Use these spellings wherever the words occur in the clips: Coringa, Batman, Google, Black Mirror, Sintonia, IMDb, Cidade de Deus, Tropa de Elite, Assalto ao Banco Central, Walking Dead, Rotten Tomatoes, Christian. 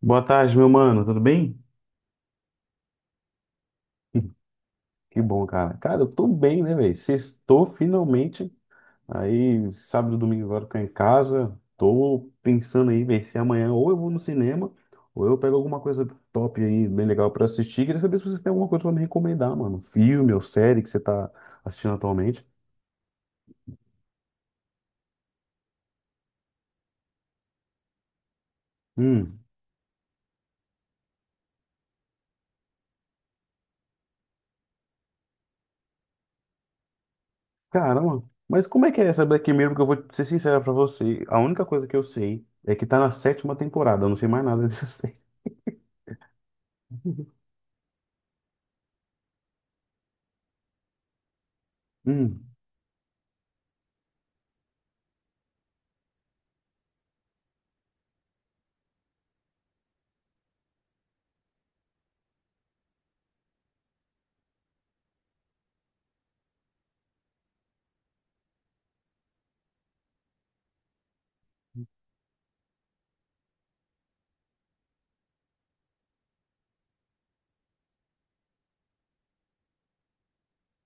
Boa tarde, meu mano, tudo bem? Que bom, cara. Cara, eu tô bem, né, velho? Sextou finalmente. Aí, sábado e domingo agora eu tô em casa. Tô pensando aí, velho, se amanhã ou eu vou no cinema ou eu pego alguma coisa top aí, bem legal pra assistir. Queria saber se vocês têm alguma coisa pra me recomendar, mano. Filme ou série que você tá assistindo atualmente. Hum, caramba. Mas como é que é essa Black Mirror? Porque eu vou ser sincero pra você. A única coisa que eu sei é que tá na sétima temporada. Eu não sei mais nada dessa série. Hum,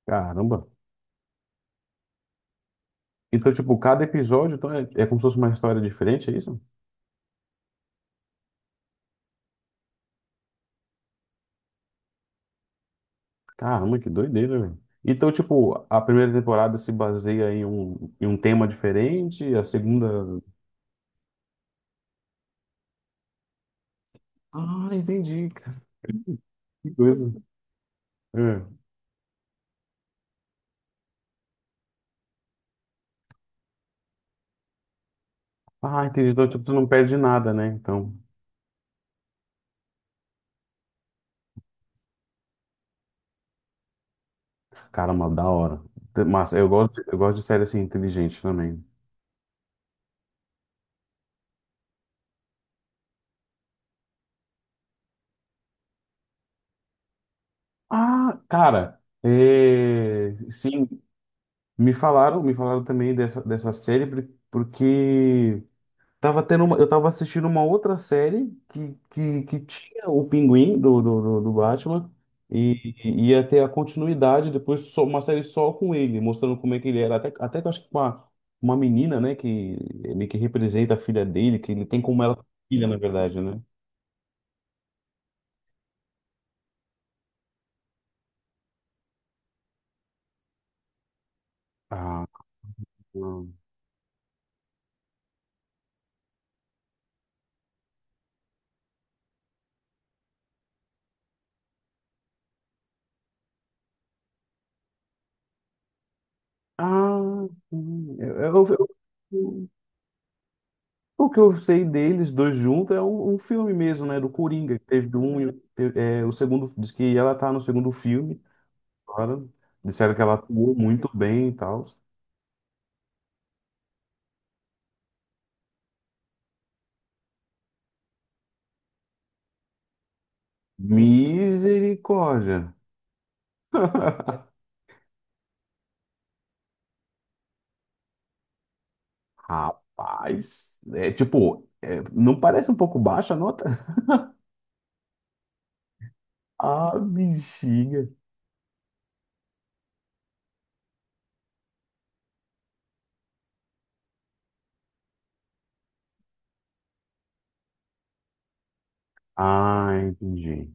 caramba. Então, tipo, cada episódio então, é como se fosse uma história diferente, é isso? Caramba, que doideira, velho. Então, tipo, a primeira temporada se baseia em um tema diferente, a segunda. Ah, entendi, cara. Que coisa. É. Ah, entendi. Então, tipo, tu não perde nada, né? Então, caramba, da hora. Mas eu gosto de série assim, inteligente também. Ah, cara, é, sim, me falaram também dessa série, porque tava tendo eu tava assistindo uma outra série que tinha o Pinguim do Batman e ia ter a continuidade depois só, uma série só com ele, mostrando como é que ele era. Até que eu acho que com uma menina, né, que meio que representa a filha dele, que ele tem como ela filha, na verdade, né? Ah, hum. Ah, hum. eu, eu, eu- o que eu sei deles dois juntos é um filme mesmo, né? Do Coringa, que teve um, o segundo, diz que ela tá no segundo filme. Agora, disseram que ela atuou muito bem e tal. Misericórdia. Rapaz, não parece um pouco baixa a nota? Ah, bexiga. Ah, entendi.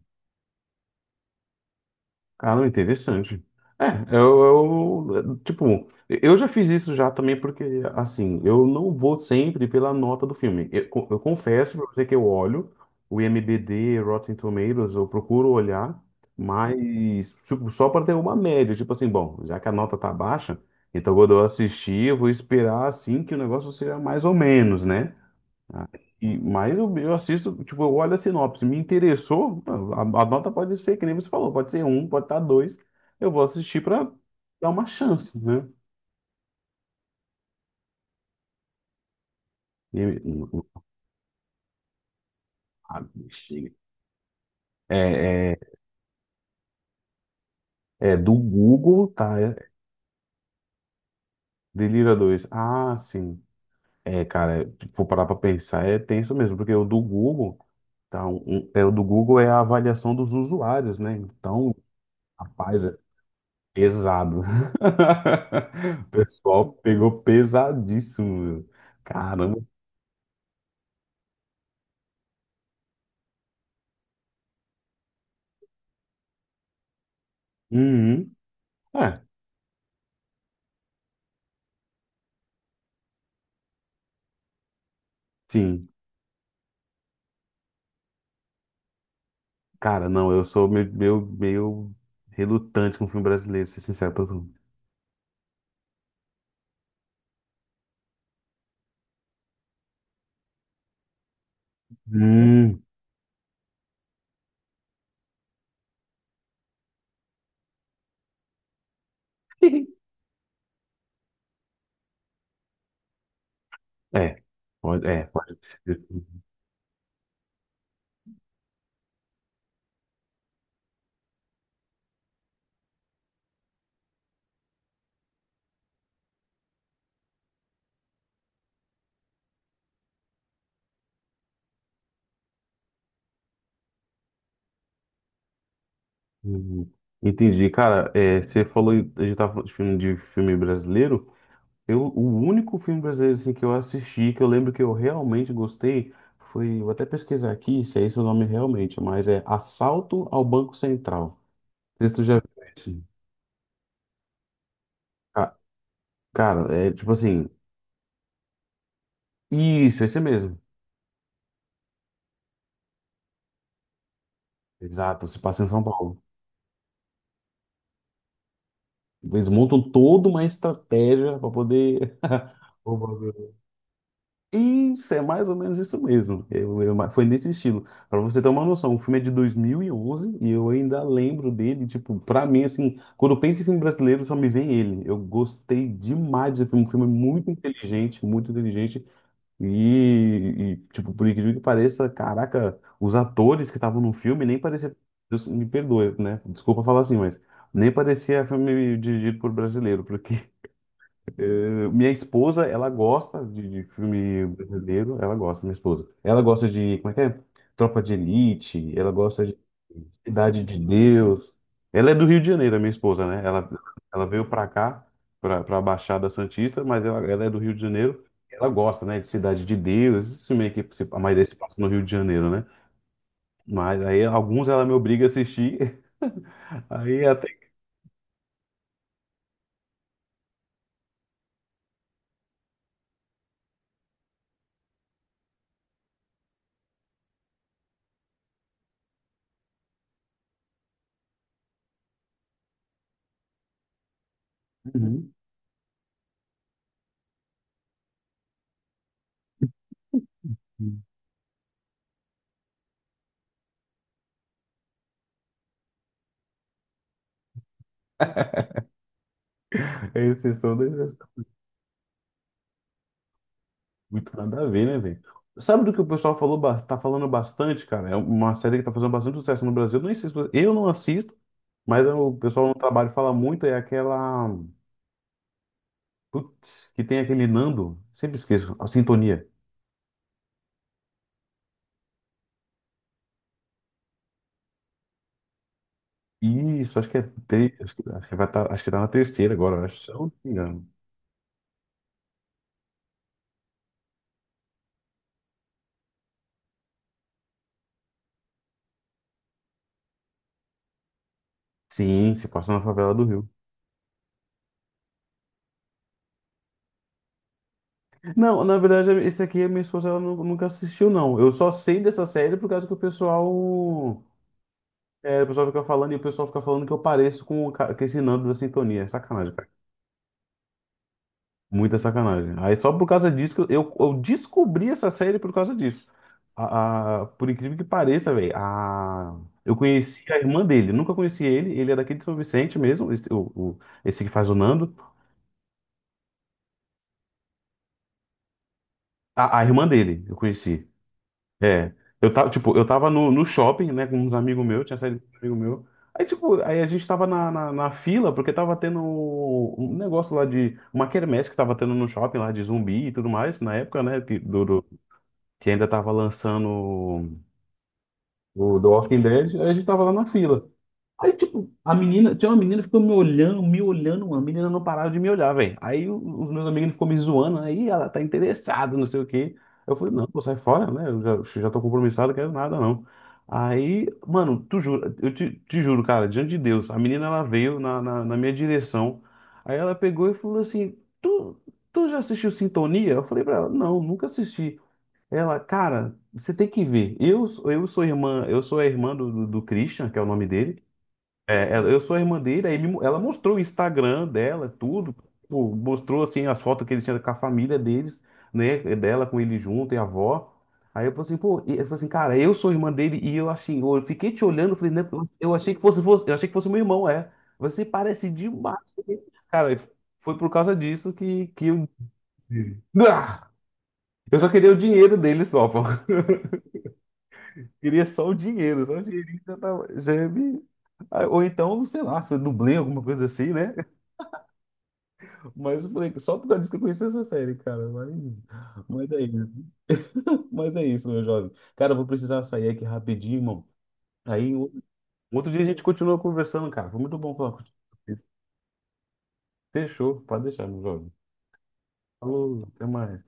Cara, interessante. É, eu já fiz isso já também porque, assim, eu não vou sempre pela nota do filme. Eu confesso pra você que eu olho o IMDb, Rotten Tomatoes, eu procuro olhar, mas tipo, só para ter uma média. Tipo assim, bom, já que a nota tá baixa, então quando eu assistir, eu vou esperar, assim, que o negócio seja mais ou menos, né? Ah, e, mas eu assisto, tipo, eu olho a sinopse, me interessou, a nota pode ser, que nem você falou, pode ser um, pode estar dois, eu vou assistir para dar uma chance, né? E- ah, chega. É, é, é do Google, tá? É, Delira dois. Ah, sim. É, cara, é, vou parar pra pensar, é tenso mesmo, porque o do Google, tá? O do Google é a avaliação dos usuários, né? Então, rapaz, é, pesado. O pessoal pegou pesadíssimo, meu. Caramba. Uhum. É, sim. Cara, não, eu sou meio relutante com filme brasileiro, ser sincero pra tu. Hum. É, é, pode ser. Uhum. Entendi, cara. É, você falou, a gente tava falando de filme brasileiro. Eu, o único filme brasileiro assim, que eu assisti, que eu lembro que eu realmente gostei, foi. Vou até pesquisar aqui se é esse o nome realmente, mas é Assalto ao Banco Central. Não sei se tu já viu esse. Ca- Cara, é tipo assim. Isso, esse mesmo. Exato, se passa em São Paulo. Eles montam toda uma estratégia para poder. Roubar. Isso, é mais ou menos isso mesmo. Foi nesse estilo. Pra você ter uma noção, o filme é de 2011 e eu ainda lembro dele. Tipo, pra mim, assim, quando eu penso em filme brasileiro, só me vem ele. Eu gostei demais desse filme. Um filme muito inteligente, muito inteligente. Tipo, por incrível que pareça, caraca, os atores que estavam no filme nem parecia. Deus me perdoe, né? Desculpa falar assim, mas nem parecia filme dirigido por brasileiro, porque minha esposa, ela gosta de filme brasileiro, ela gosta, minha esposa. Ela gosta de, como é que é? Tropa de Elite, ela gosta de Cidade de Deus. Ela é do Rio de Janeiro, a minha esposa, né? Ela veio pra cá, pra Baixada Santista, mas ela é do Rio de Janeiro. Ela gosta, né, de Cidade de Deus, isso meio que a maioria se passa no Rio de Janeiro, né? Mas aí alguns ela me obriga a assistir, aí até... Uhum. É exceção da. Muito nada a ver, né, velho? Sabe do que o pessoal falou, tá falando bastante, cara? É uma série que tá fazendo bastante sucesso no Brasil. Eu nem sei se eu não assisto, mas o pessoal no trabalho fala muito, é aquela. Putz, que tem aquele Nando. Sempre esqueço, a Sintonia. Isso, acho que é. Te... acho que vai tá... acho que tá na terceira agora, eu acho, se eu não me engano. Sim, se passa na favela do Rio. Não, na verdade, esse aqui a minha esposa nunca assistiu, não. Eu só sei dessa série por causa que o pessoal. É, o pessoal fica falando e o pessoal fica falando que eu pareço com, com esse Nando da Sintonia. É sacanagem, cara. Muita sacanagem. Aí só por causa disso que eu descobri essa série por causa disso. Por incrível que pareça, velho, a, eu conheci a irmã dele. Nunca conheci ele. Ele é daqui de São Vicente mesmo, esse, esse que faz o Nando. A irmã dele, eu conheci. É, eu tava, tipo, eu tava no shopping, né, com uns amigos meus, tinha saído com um amigo meu. Aí, tipo, aí a gente tava na fila, porque tava tendo um negócio lá de, uma quermesse que tava tendo no shopping lá de zumbi e tudo mais, na época, né, que ainda tava lançando o do Walking Dead, aí a gente tava lá na fila. Aí, tipo, a menina, tinha uma menina que ficou me olhando, mano. A menina não parava de me olhar, velho. Os meus amigos ficou me zoando, aí ela tá interessada, não sei o quê. Eu falei, não, pô, sai fora, né? Eu já tô compromissado, não quero nada, não. Aí, mano, tu jura, te juro, cara, diante de Deus, a menina ela veio na minha direção. Aí ela pegou e falou assim: tu, tu já assistiu Sintonia? Eu falei pra ela, não, nunca assisti. Ela, cara, você tem que ver. Eu sou a irmã do Christian, que é o nome dele. É, eu sou a irmã dele, ela mostrou o Instagram dela, tudo, pô, mostrou assim as fotos que ele tinha com a família deles, né, é dela com ele junto e a avó. Aí eu falei assim, pô, ele falou assim, cara, eu sou a irmã dele e eu assim, eu fiquei te olhando, eu falei, né, eu achei que fosse, eu achei que fosse meu irmão, é. Você parece demais. Cara, foi por causa disso que eu. Ah! Eu só queria o dinheiro dele só, pô. Queria só o dinheiro, só o dinheirinho já tava, já me... Ah, ou então, sei lá, se eu dublei alguma coisa assim, né? Mas eu falei, só por causa disso que eu conheci essa série, cara. Mas é isso. Mas é isso, meu jovem. Cara, eu vou precisar sair aqui rapidinho, irmão. Aí, um outro dia a gente continua conversando, cara. Foi muito bom falar contigo. Fechou, pode deixar, meu jovem. Falou, até mais.